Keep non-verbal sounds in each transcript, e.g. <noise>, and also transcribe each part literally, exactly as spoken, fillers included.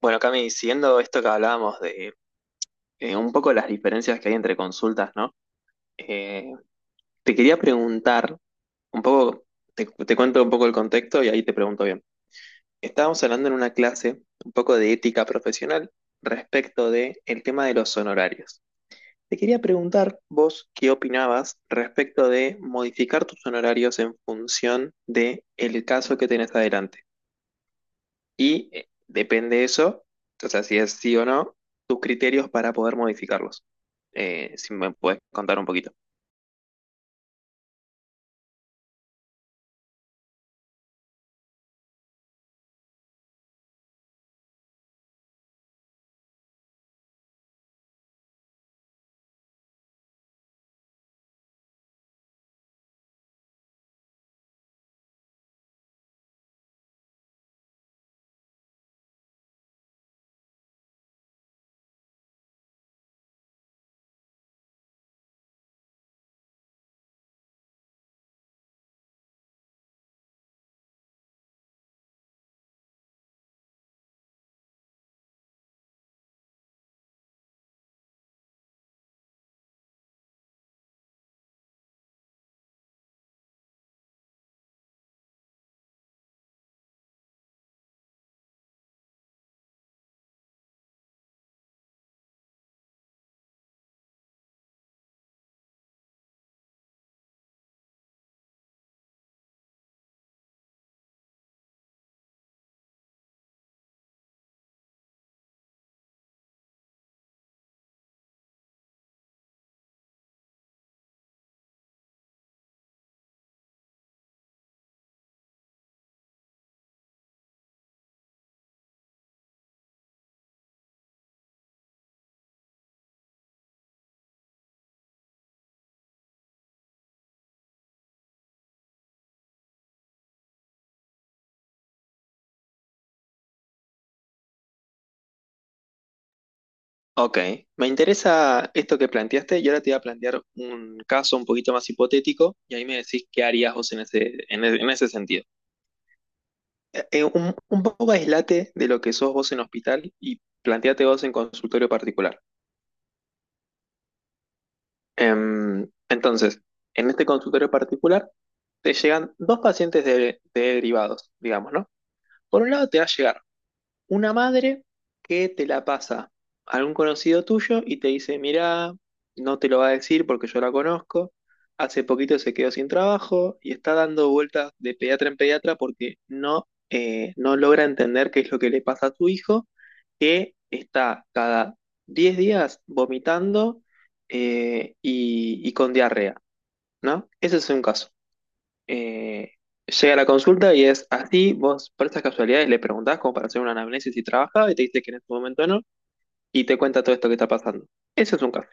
Bueno, Cami, siguiendo esto que hablábamos de eh, un poco las diferencias que hay entre consultas, ¿no? Eh, te quería preguntar, un poco, te, te cuento un poco el contexto y ahí te pregunto bien. Estábamos hablando en una clase un poco de ética profesional respecto de el tema de los honorarios. Te quería preguntar vos qué opinabas respecto de modificar tus honorarios en función de el caso que tenés adelante. Y eh, depende de eso, o sea, si es sí o no, tus criterios para poder modificarlos. Eh, si me puedes contar un poquito. Ok, me interesa esto que planteaste y ahora te voy a plantear un caso un poquito más hipotético y ahí me decís qué harías vos en ese, en e- en ese sentido. Eh, eh, un, un poco aislate de lo que sos vos en hospital y planteate vos en consultorio particular. Em, entonces, en este consultorio particular te llegan dos pacientes de- derivados, digamos, ¿no? Por un lado te va a llegar una madre que te la pasa a algún conocido tuyo y te dice, mirá, no te lo va a decir porque yo la conozco, hace poquito se quedó sin trabajo y está dando vueltas de pediatra en pediatra porque no, eh, no logra entender qué es lo que le pasa a tu hijo, que está cada diez días vomitando eh, y, y con diarrea, ¿no? Ese es un caso eh, llega a la consulta y es así, vos por esas casualidades le preguntás como para hacer una anamnesis si trabajaba y te dice que en este momento no, y te cuenta todo esto que está pasando. Ese es un caso.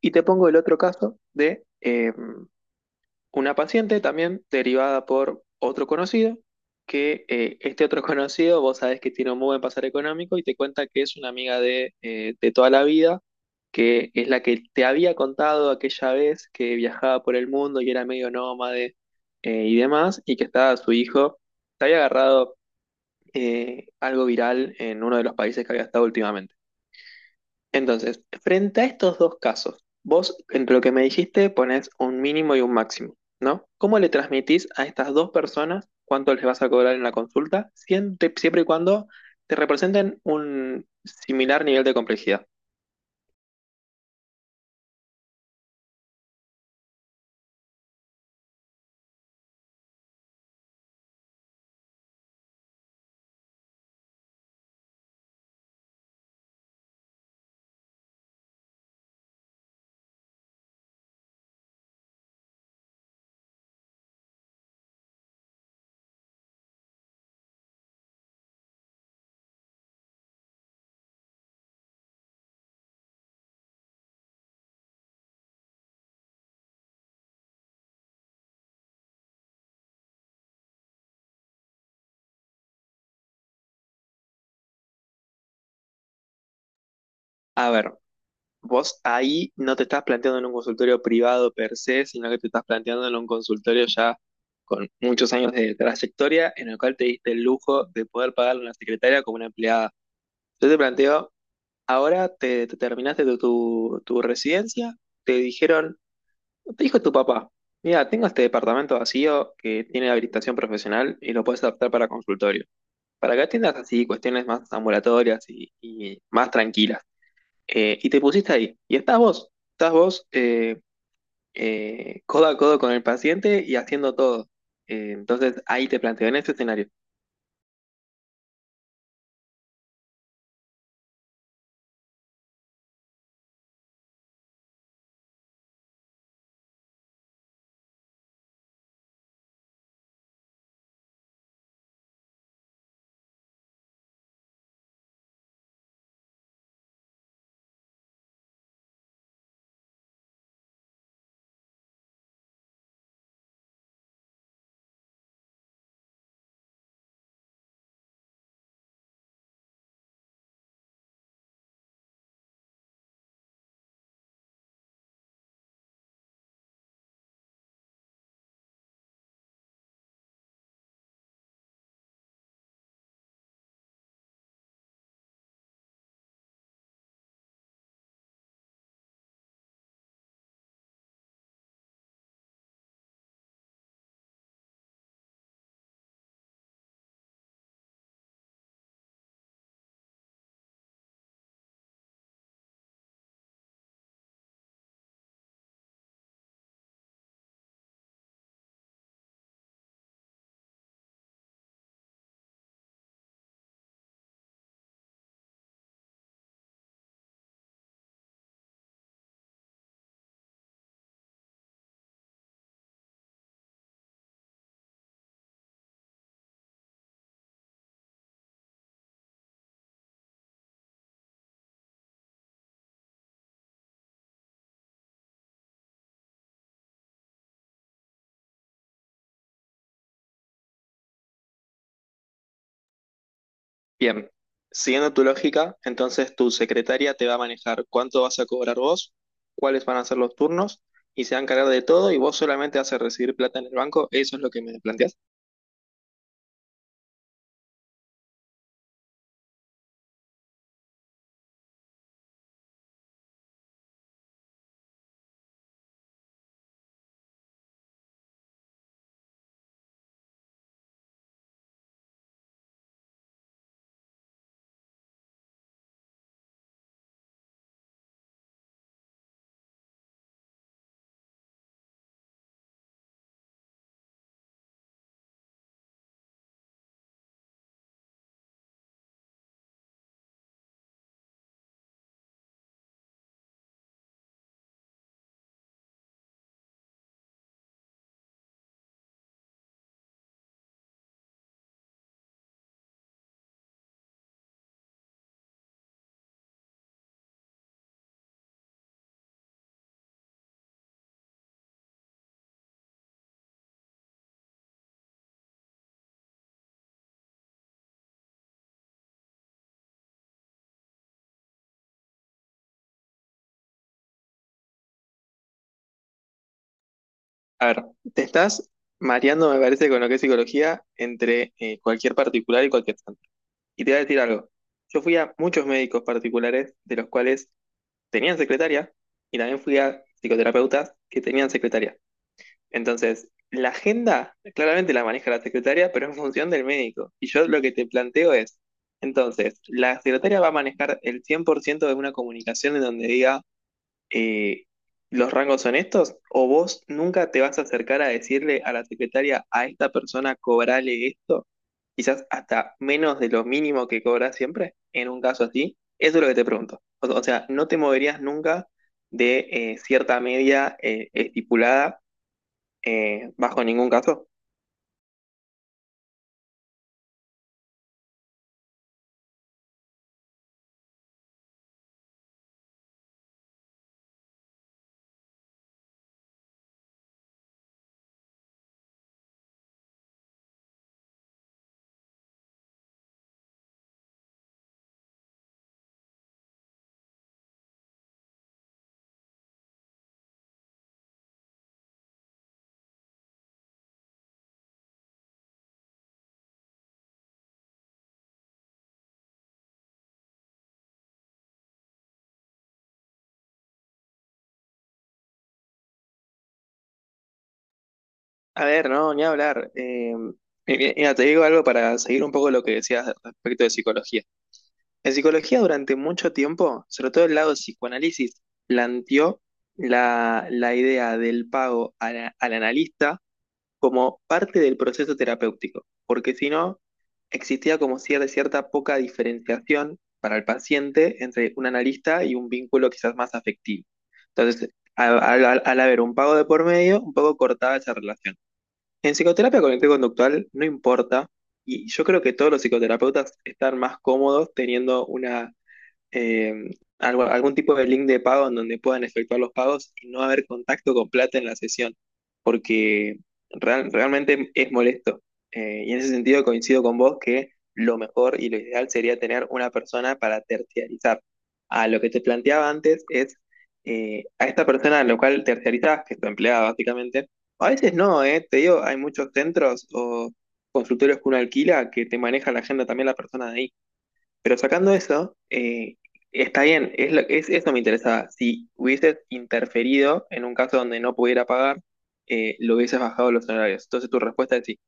Y te pongo el otro caso de, eh, una paciente también derivada por otro conocido, que eh, este otro <laughs> conocido, vos sabés que tiene un muy buen pasar económico y te cuenta que es una amiga de, eh, de toda la vida, que es la que te había contado aquella vez que viajaba por el mundo y era medio nómade eh, y demás, y que estaba su hijo, te había agarrado eh, algo viral en uno de los países que había estado últimamente. Entonces, frente a estos dos casos, vos entre lo que me dijiste ponés un mínimo y un máximo, ¿no? ¿Cómo le transmitís a estas dos personas cuánto les vas a cobrar en la consulta, siempre, siempre y cuando te representen un similar nivel de complejidad? A ver, vos ahí no te estás planteando en un consultorio privado per se, sino que te estás planteando en un consultorio ya con muchos años de trayectoria en el cual te diste el lujo de poder pagarle a una secretaria como una empleada. Yo te planteo. Ahora te, te terminaste tu, tu, tu residencia, te dijeron, te dijo tu papá, mira, tengo este departamento vacío que tiene habilitación profesional y lo puedes adaptar para consultorio, para que atiendas así cuestiones más ambulatorias y, y más tranquilas. Eh, y te pusiste ahí, y estás vos, estás vos eh, eh, codo a codo con el paciente y haciendo todo. Eh, entonces ahí te planteo en este escenario. Bien, siguiendo tu lógica, entonces tu secretaria te va a manejar cuánto vas a cobrar vos, cuáles van a ser los turnos y se va a encargar de todo y vos solamente vas a recibir plata en el banco. Eso es lo que me planteas. A ver, te estás mareando, me parece, con lo que es psicología entre eh, cualquier particular y cualquier santo. Y te voy a decir algo. Yo fui a muchos médicos particulares de los cuales tenían secretaria y también fui a psicoterapeutas que tenían secretaria. Entonces, la agenda claramente la maneja la secretaria, pero en función del médico. Y yo lo que te planteo es, entonces, la secretaria va a manejar el cien por ciento de una comunicación en donde diga, eh, los rangos son estos, o vos nunca te vas a acercar a decirle a la secretaria, a esta persona cobrale esto, quizás hasta menos de lo mínimo que cobras siempre, en un caso así. Eso es lo que te pregunto. O, o sea, no te moverías nunca de eh, cierta media eh, estipulada eh, bajo ningún caso. A ver, no, ni hablar. Eh, mi- mira, te digo algo para seguir un poco lo que decías respecto de psicología. En psicología durante mucho tiempo, sobre todo el lado de psicoanálisis, planteó la, la idea del pago al, al analista como parte del proceso terapéutico, porque si no, existía como cierta, cierta poca diferenciación para el paciente entre un analista y un vínculo quizás más afectivo. Entonces, al, al- al haber un pago de por medio, un poco cortaba esa relación. En psicoterapia cognitivo-conductual no importa, y yo creo que todos los psicoterapeutas están más cómodos teniendo una eh, algo- algún tipo de link de pago en donde puedan efectuar los pagos y no haber contacto con plata en la sesión, porque real- realmente es molesto. Eh, y en ese sentido coincido con vos que lo mejor y lo ideal sería tener una persona para terciarizar. A lo que te planteaba antes es eh, a esta persona a la cual terciarizás, que es tu empleada básicamente, a veces no, eh, te digo, hay muchos centros o consultorios que uno alquila que te maneja la agenda también la persona de ahí. Pero sacando eso, eh, está bien, es lo- es- eso me interesaba. Si hubieses interferido en un caso donde no pudiera pagar, eh, lo hubieses bajado los salarios. Entonces tu respuesta es sí.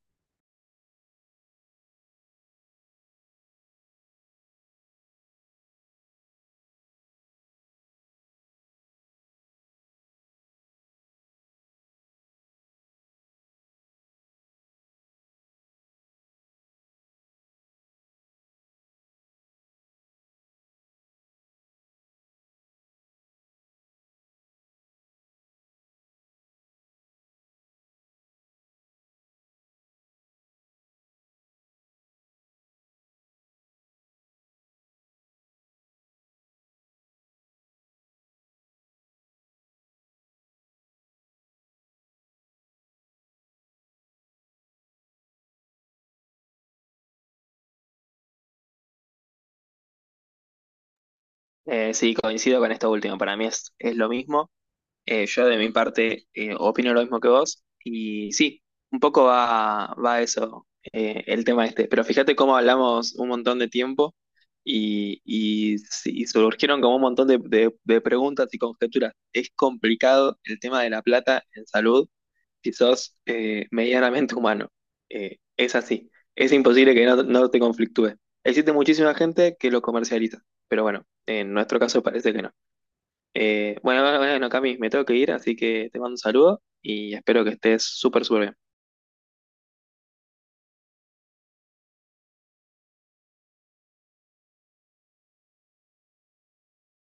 Eh, sí, coincido con esto último. Para mí es, es lo mismo. Eh, yo de mi parte eh, opino lo mismo que vos y sí, un poco va, va a eso eh, el tema este, pero fíjate cómo hablamos un montón de tiempo y, y sí, y surgieron como un montón de, de- de preguntas y conjeturas. Es complicado el tema de la plata en salud si sos eh, medianamente humano. Eh, es así, es imposible que no, no te conflictúe. Existe muchísima gente que lo comercializa, pero bueno, en nuestro caso parece que no. Eh, bueno, bueno, bueno, Cami, me tengo que ir, así que te mando un saludo y espero que estés súper, súper bien.